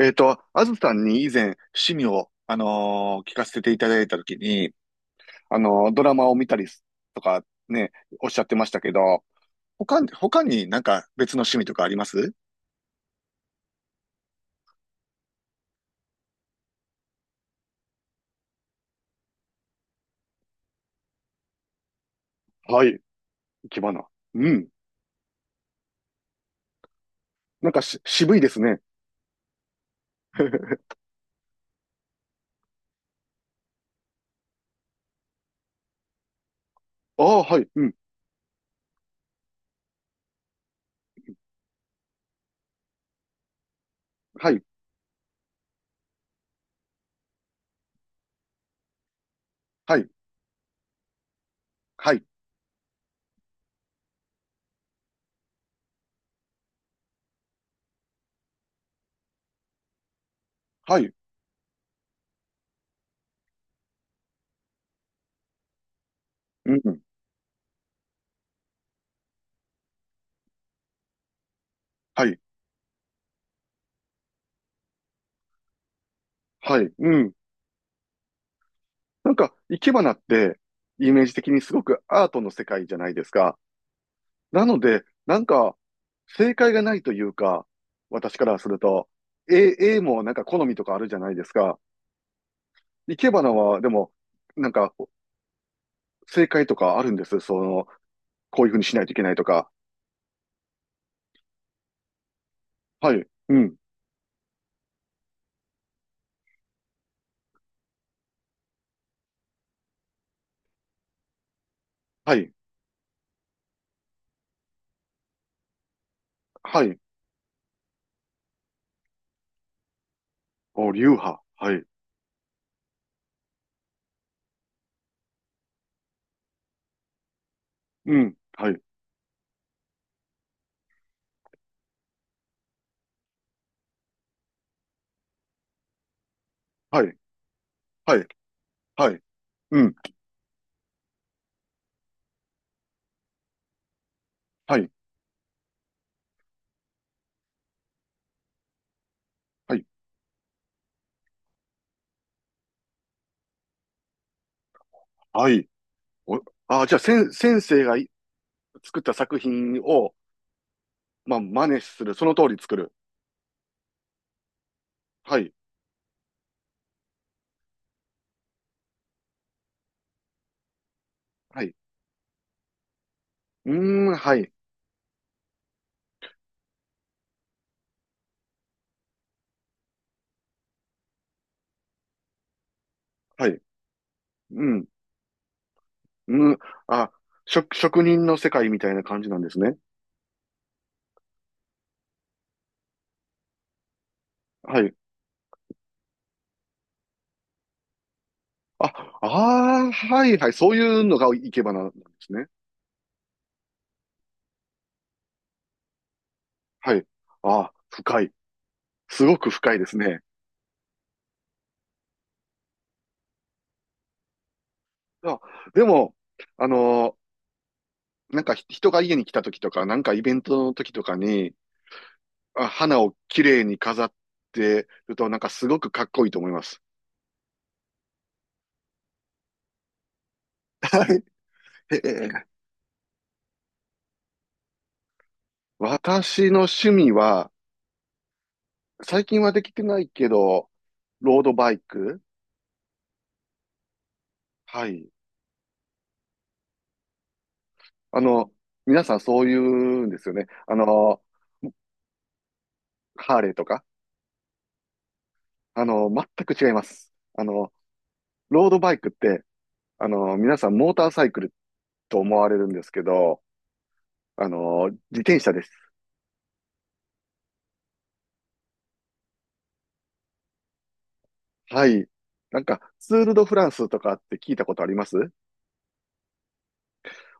あずさんに以前趣味を、聞かせていただいたときに、ドラマを見たりすとかね、おっしゃってましたけど、他になんか別の趣味とかあります？はい、生き花。うん。なんか渋いですね。ああ、はい、うん、はい、はい、はい、はい、うん、はい、はい、うん。なんか、生け花って、イメージ的にすごくアートの世界じゃないですか。なので、なんか、正解がないというか、私からすると、A もなんか好みとかあるじゃないですか。生け花は、でも、なんか、正解とかあるんです。その、こういうふうにしないといけないとか。はい、うん、はい、はい、お、流派、はい、うん、はい、はい、はい、はい、うん、はい、はい、はい。お、あ、じゃあ、先生がい作った作品を、まあ、真似する。その通り作る。はい、はい、うーん、はい、はい、うん。うん、あ、職人の世界みたいな感じなんですね。はい。あ、ああ、はいはい。そういうのがいけばな、なんですね。はい。ああ、深い。すごく深いですね。あ、でも、あのーなんか人が家に来た時とか、なんかイベントの時とかに、あ、花を綺麗に飾ってると、なんかすごくかっこいいと思います。はい。ええ私の趣味は、最近はできてないけど、ロードバイク。はい。あの、皆さんそう言うんですよね。ハーレーとか。全く違います。ロードバイクって、皆さんモーターサイクルと思われるんですけど、自転車です。はい。なんか、ツール・ド・フランスとかって聞いたことあります？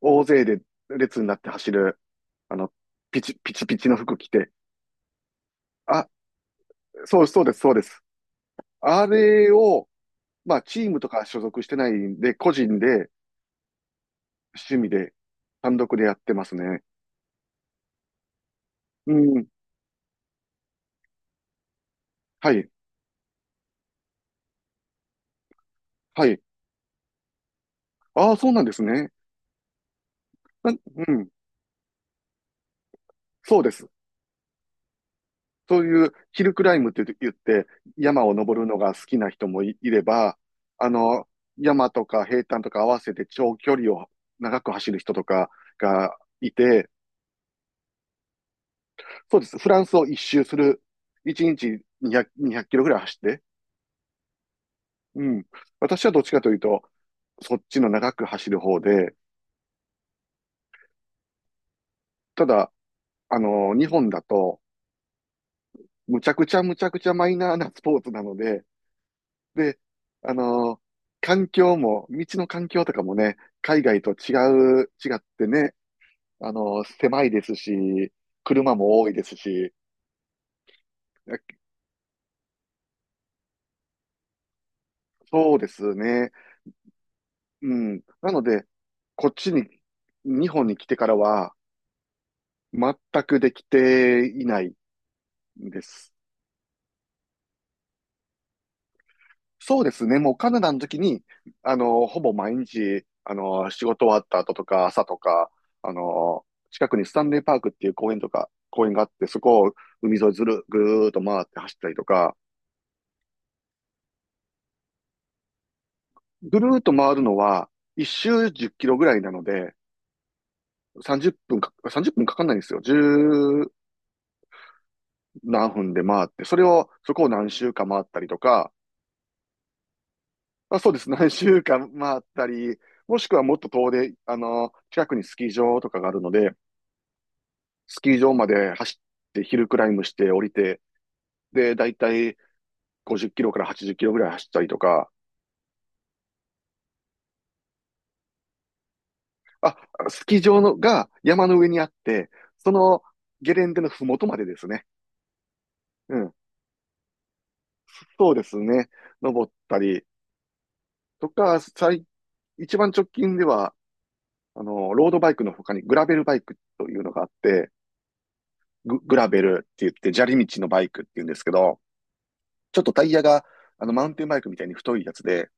大勢で列になって走る、あの、ピチピチの服着て。あ、そう、そうです、そうです。あれを、まあ、チームとか所属してないんで、個人で、趣味で、単独でやってますね。うん。はい。はい。ああ、そうなんですね。なうん。そうです。そういうヒルクライムって言って、山を登るのが好きな人もいれば、あの、山とか平坦とか合わせて長距離を長く走る人とかがいて、そうです。フランスを一周する。1日200キロぐらい走って。うん。私はどっちかというと、そっちの長く走る方で、ただ、日本だと、むちゃくちゃむちゃくちゃマイナーなスポーツなので、で、あのー環境も、道の環境とかもね、海外と違ってね、狭いですし、車も多いですし、そうですね。うん。なので、こっちに、日本に来てからは、全くできていないんです。そうですね。もうカナダの時に、ほぼ毎日、仕事終わった後とか、朝とか、近くにスタンレーパークっていう公園とか、公園があって、そこを海沿いずる、ぐーっと回って走ったりとか、ぐるーっと回るのは、一周10キロぐらいなので、30分か、30分かかんないんですよ。10何分で回って、そこを何周か回ったりとか、まあ、そうです。何周か回ったり、もしくはもっと遠で、近くにスキー場とかがあるので、スキー場まで走って、ヒルクライムして降りて、で、だいたい50キロから80キロぐらい走ったりとか、あ、スキー場のが山の上にあって、そのゲレンデのふもとまでですね。うん。そうですね。登ったりとか、一番直近では、ロードバイクの他にグラベルバイクというのがあって、グラベルって言って、砂利道のバイクって言うんですけど、ちょっとタイヤが、マウンテンバイクみたいに太いやつで、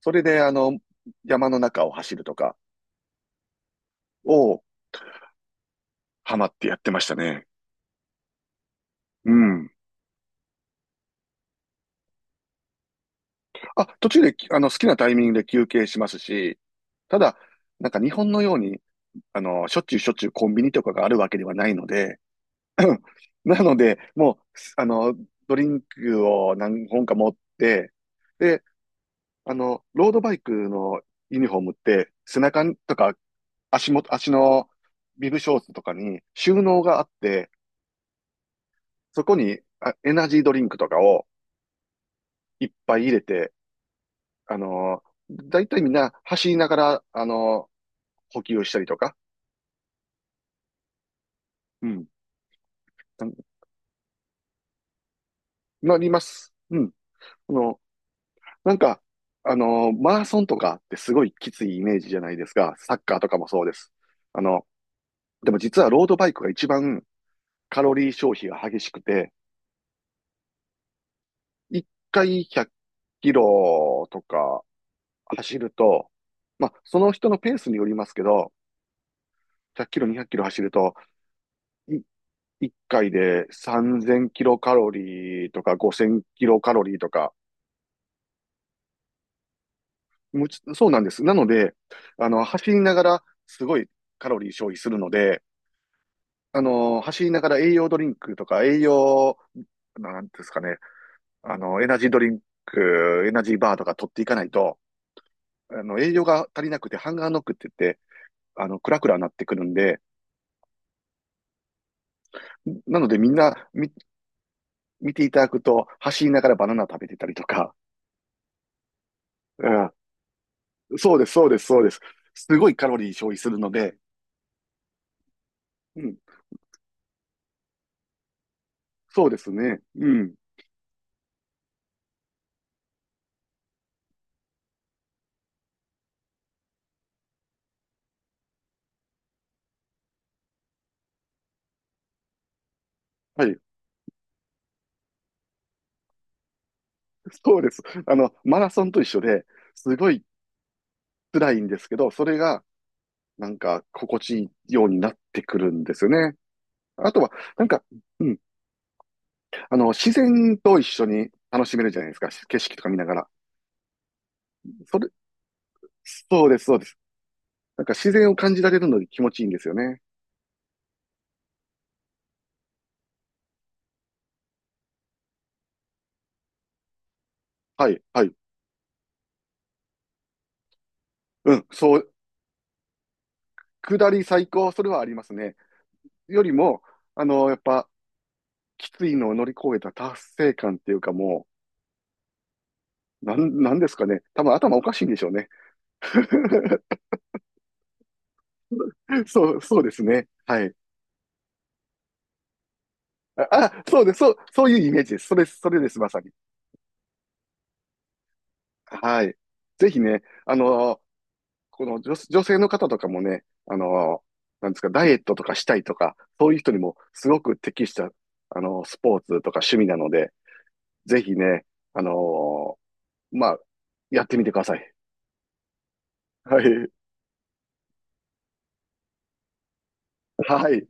それで、山の中を走るとか、をハマってやってましたね。うん。あ、途中で、好きなタイミングで休憩しますし、ただ、なんか日本のように、しょっちゅうしょっちゅうコンビニとかがあるわけではないので、なので、もう、すあの、ドリンクを何本か持って、で、ロードバイクのユニフォームって、背中とか足元、足のビブショーツとかに収納があって、そこにエナジードリンクとかをいっぱい入れて、あのだいたいみんな走りながら、補給をしたりとか、うん、なります。うん。あの、なんか、マラソンとかってすごいきついイメージじゃないですか。サッカーとかもそうです。あの、でも実はロードバイクが一番カロリー消費が激しくて、一回100キロとか走ると、まあ、その人のペースによりますけど、100キロ、200キロ走ると、一回で3000キロカロリーとか5000キロカロリーとか、そうなんです。なので、走りながらすごいカロリー消費するので、走りながら栄養ドリンクとか栄養、なんていうんですかね、エナジードリンク、エナジーバーとか取っていかないと、栄養が足りなくてハンガーノックって言って、クラクラになってくるんで、なのでみんな見ていただくと、走りながらバナナ食べてたりとか、うんそうです、そうです、そうです。すごいカロリー消費するので、うん、そうですね。うん。はい。そうです。マラソンと一緒で、すごい辛いんですけど、それが、なんか、心地いいようになってくるんですよね。あとは、なんか、うん、自然と一緒に楽しめるじゃないですか。景色とか見ながら。それ、そうです、そうです。なんか自然を感じられるので気持ちいいんですよね。はい、はい。うん、そう、下り最高、それはありますね。よりも、やっぱ、きついのを乗り越えた達成感っていうかもう、なんですかね。多分頭おかしいんでしょうね。そう、そうですね。はい。あ、あそうです。そう、そういうイメージです。それ、それです、まさに。はい。ぜひね、この女性の方とかもね、なんですか、ダイエットとかしたいとか、そういう人にもすごく適した、スポーツとか趣味なので、ぜひね、あのまあ、やってみてください。はい。はい。